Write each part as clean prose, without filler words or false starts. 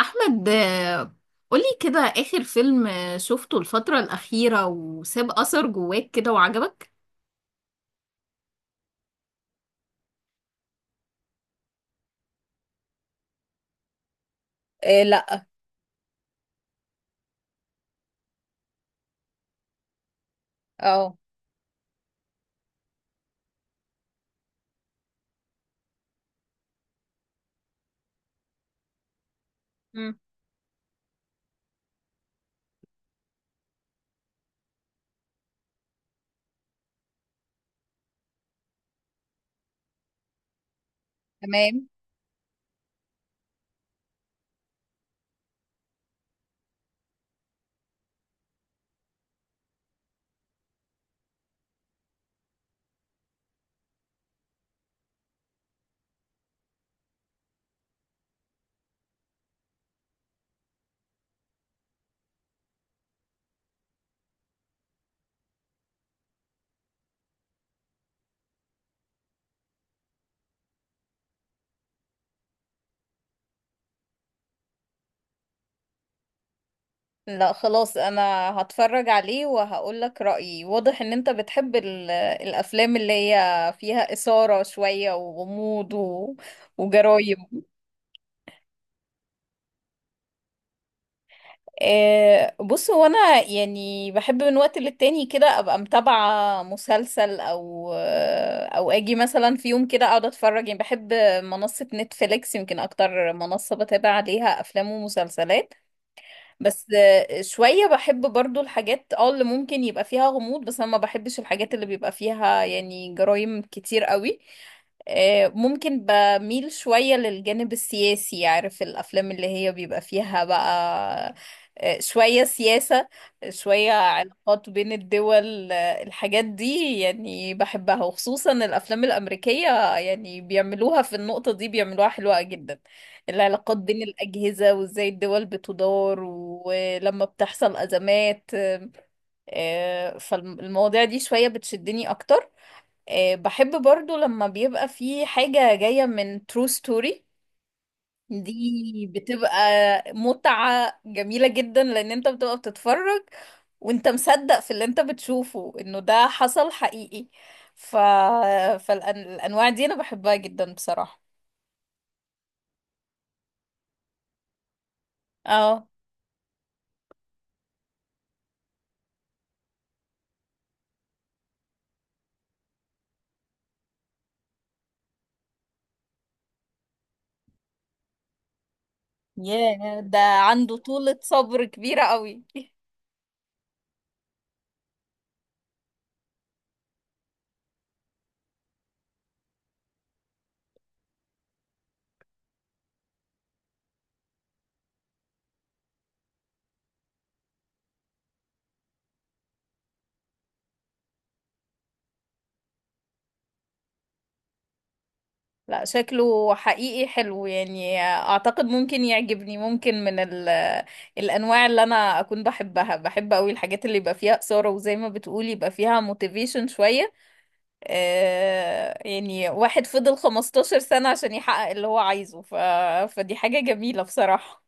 احمد قولي كده اخر فيلم شفته الفترة الأخيرة وساب أثر جواك كده وعجبك. إيه، لا. اه. مم. تمام. لا خلاص، انا هتفرج عليه وهقول لك رأيي. واضح ان انت بتحب الافلام اللي هي فيها إثارة شوية وغموض وجرايم. بص هو انا يعني بحب من وقت للتاني كده ابقى متابعة مسلسل او او اجي مثلا في يوم كده اقعد اتفرج. يعني بحب منصة نتفليكس، يمكن اكتر منصة بتابع عليها افلام ومسلسلات. بس شوية بحب برضو الحاجات اه اللي ممكن يبقى فيها غموض، بس انا ما بحبش الحاجات اللي بيبقى فيها يعني جرائم كتير قوي. ممكن بميل شوية للجانب السياسي، عارف الأفلام اللي هي بيبقى فيها بقى شوية سياسة، شوية علاقات بين الدول، الحاجات دي يعني بحبها، وخصوصا الأفلام الأمريكية. يعني بيعملوها في النقطة دي بيعملوها حلوة جدا. العلاقات بين الأجهزة وإزاي الدول بتدار ولما بتحصل أزمات. فالمواضيع دي شوية بتشدني أكتر. بحب برضو لما بيبقى في حاجة جاية من true story دي. بتبقى متعة جميلة جدا، لأن أنت بتبقى بتتفرج وأنت مصدق في اللي أنت بتشوفه إنه ده حصل حقيقي. ف... فالأنواع دي أنا بحبها جدا بصراحة. اه. ياه ده عنده طولة صبر كبيرة قوي. لا شكله حقيقي حلو، يعني اعتقد ممكن يعجبني. ممكن من الانواع اللي انا اكون بحبها. بحب قوي الحاجات اللي يبقى فيها اثارة، وزي ما بتقولي يبقى فيها موتيفيشن شوية. آه يعني واحد فضل 15 سنة عشان يحقق اللي هو عايزه. فدي حاجة جميلة بصراحة.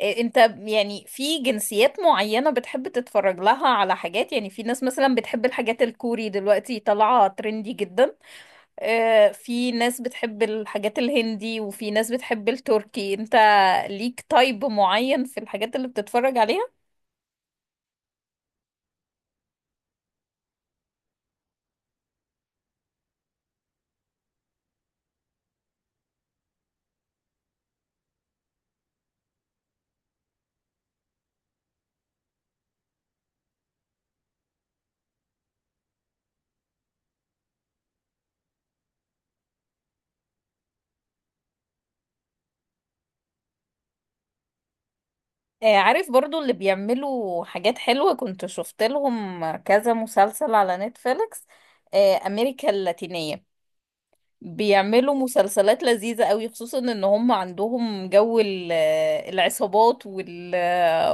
إيه، انت يعني في جنسيات معينة بتحب تتفرج لها على حاجات؟ يعني في ناس مثلا بتحب الحاجات الكوري، دلوقتي طالعة ترندي جدا. اه، في ناس بتحب الحاجات الهندي، وفي ناس بتحب التركي. انت ليك تايب معين في الحاجات اللي بتتفرج عليها؟ اه، عارف برضو اللي بيعملوا حاجات حلوة، كنت شفت لهم كذا مسلسل على نتفليكس. اه، امريكا اللاتينية بيعملوا مسلسلات لذيذة قوي، خصوصا ان هم عندهم جو العصابات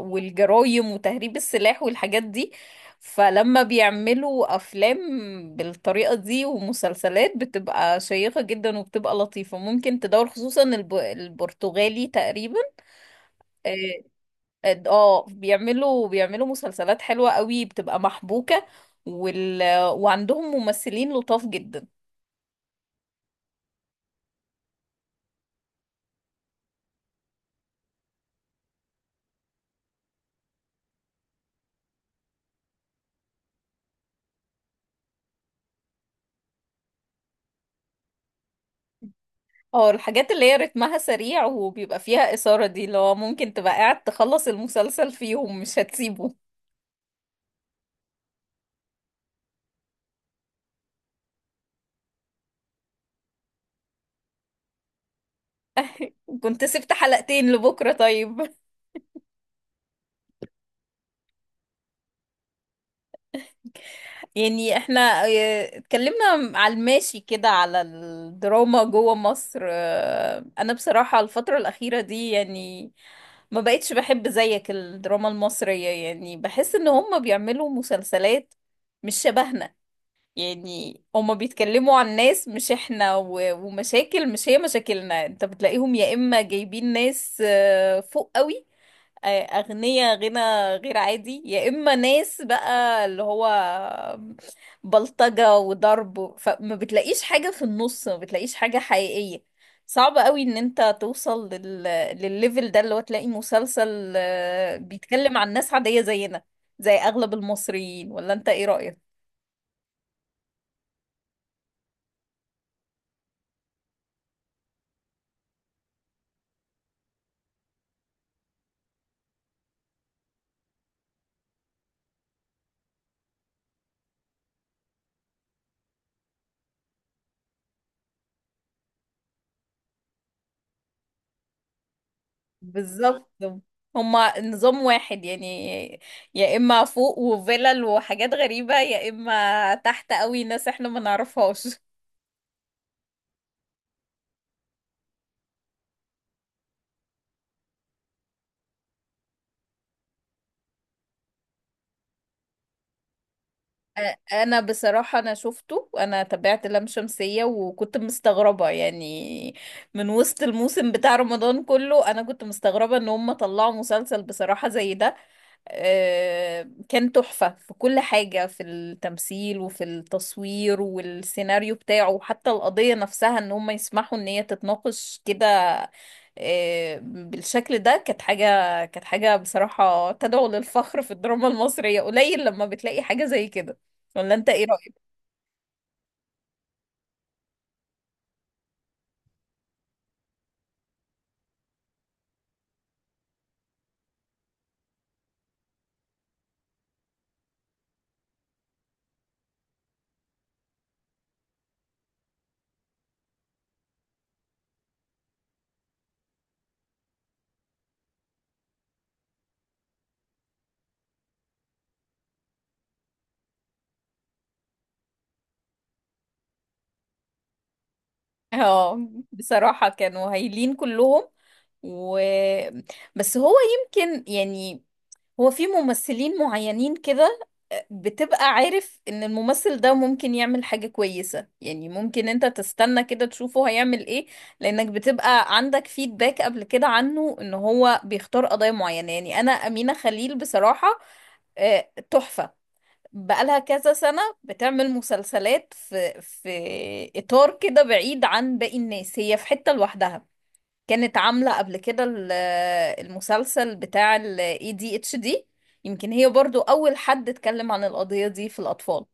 والجرايم وتهريب السلاح والحاجات دي. فلما بيعملوا افلام بالطريقة دي ومسلسلات بتبقى شيقة جدا، وبتبقى لطيفة ممكن تدور. خصوصا البرتغالي تقريبا. اه. بيعملوا مسلسلات حلوة قوي، بتبقى محبوكة وال... وعندهم ممثلين لطاف جدا. اه، الحاجات اللي هي رتمها سريع وبيبقى فيها إثارة، دي اللي هو ممكن تبقى قاعد تخلص المسلسل فيهم مش هتسيبه. كنت سبت حلقتين لبكرة طيب؟ يعني احنا اه، اتكلمنا على الماشي كده على الدراما جوه مصر. اه، انا بصراحة الفترة الأخيرة دي يعني ما بقتش بحب زيك الدراما المصرية. يعني بحس ان هم بيعملوا مسلسلات مش شبهنا. يعني هما بيتكلموا عن ناس مش احنا ومشاكل مش هي مشاكلنا. انت بتلاقيهم يا اما جايبين ناس فوق قوي، اغنياء غنى غير عادي، يا اما ناس بقى اللي هو بلطجة وضرب. فما بتلاقيش حاجة في النص، ما بتلاقيش حاجة حقيقية. صعب قوي ان انت توصل للليفل ده اللي هو تلاقي مسلسل بيتكلم عن ناس عادية زينا، زي اغلب المصريين. ولا انت ايه رأيك؟ بالظبط، هما نظام واحد يعني. يا اما فوق وفيلل وحاجات غريبة، يا اما تحت قوي ناس احنا ما نعرفهاش. أ- انا بصراحة انا شفته، انا تابعت لام شمسية وكنت مستغربة. يعني من وسط الموسم بتاع رمضان كله، انا كنت مستغربة ان هم طلعوا مسلسل بصراحة زي ده. كان تحفة في كل حاجة، في التمثيل وفي التصوير والسيناريو بتاعه، وحتى القضية نفسها ان هم يسمحوا ان هي تتناقش كده بالشكل ده. كانت حاجة بصراحة تدعو للفخر. في الدراما المصرية قليل لما بتلاقي حاجة زي كده. ولا انت ايه رأيك؟ اه بصراحة كانوا هايلين كلهم. و بس هو يمكن يعني هو في ممثلين معينين كده بتبقى عارف ان الممثل ده ممكن يعمل حاجة كويسة. يعني ممكن انت تستنى كده تشوفه هيعمل ايه، لانك بتبقى عندك فيدباك قبل كده عنه ان هو بيختار قضايا معينة. يعني انا امينة خليل بصراحة تحفة. بقالها كذا سنة بتعمل مسلسلات في اطار كده بعيد عن باقي الناس، هي في حتة لوحدها. كانت عاملة قبل كده المسلسل بتاع ال ADHD. يمكن هي برضو أول حد اتكلم عن القضية دي في الأطفال.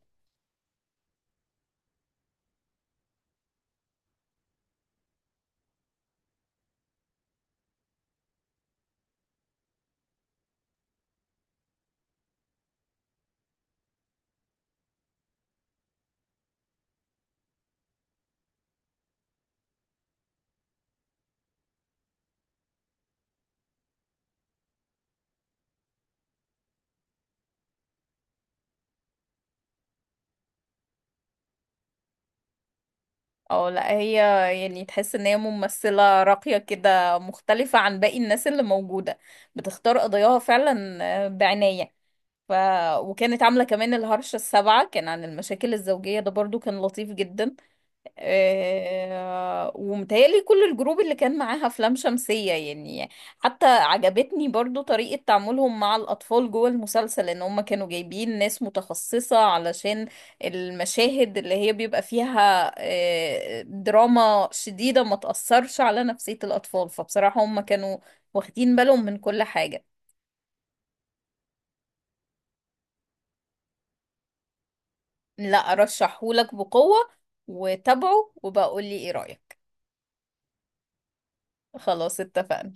أو لا هي يعني تحس إن هي ممثلة راقية كده مختلفة عن باقي الناس اللي موجودة. بتختار قضاياها فعلا بعناية. ف... وكانت عاملة كمان الهرشة السابعة، كان عن المشاكل الزوجية، ده برضو كان لطيف جدا. ومتهيألي كل الجروب اللي كان معاها أفلام شمسية يعني. حتى عجبتني برضو طريقة تعاملهم مع الأطفال جوه المسلسل، إن هم كانوا جايبين ناس متخصصة علشان المشاهد اللي هي بيبقى فيها دراما شديدة ما تأثرش على نفسية الأطفال. فبصراحة هم كانوا واخدين بالهم من كل حاجة. لا أرشحهولك بقوة، وتابعه وبقول لي إيه رأيك. خلاص اتفقنا.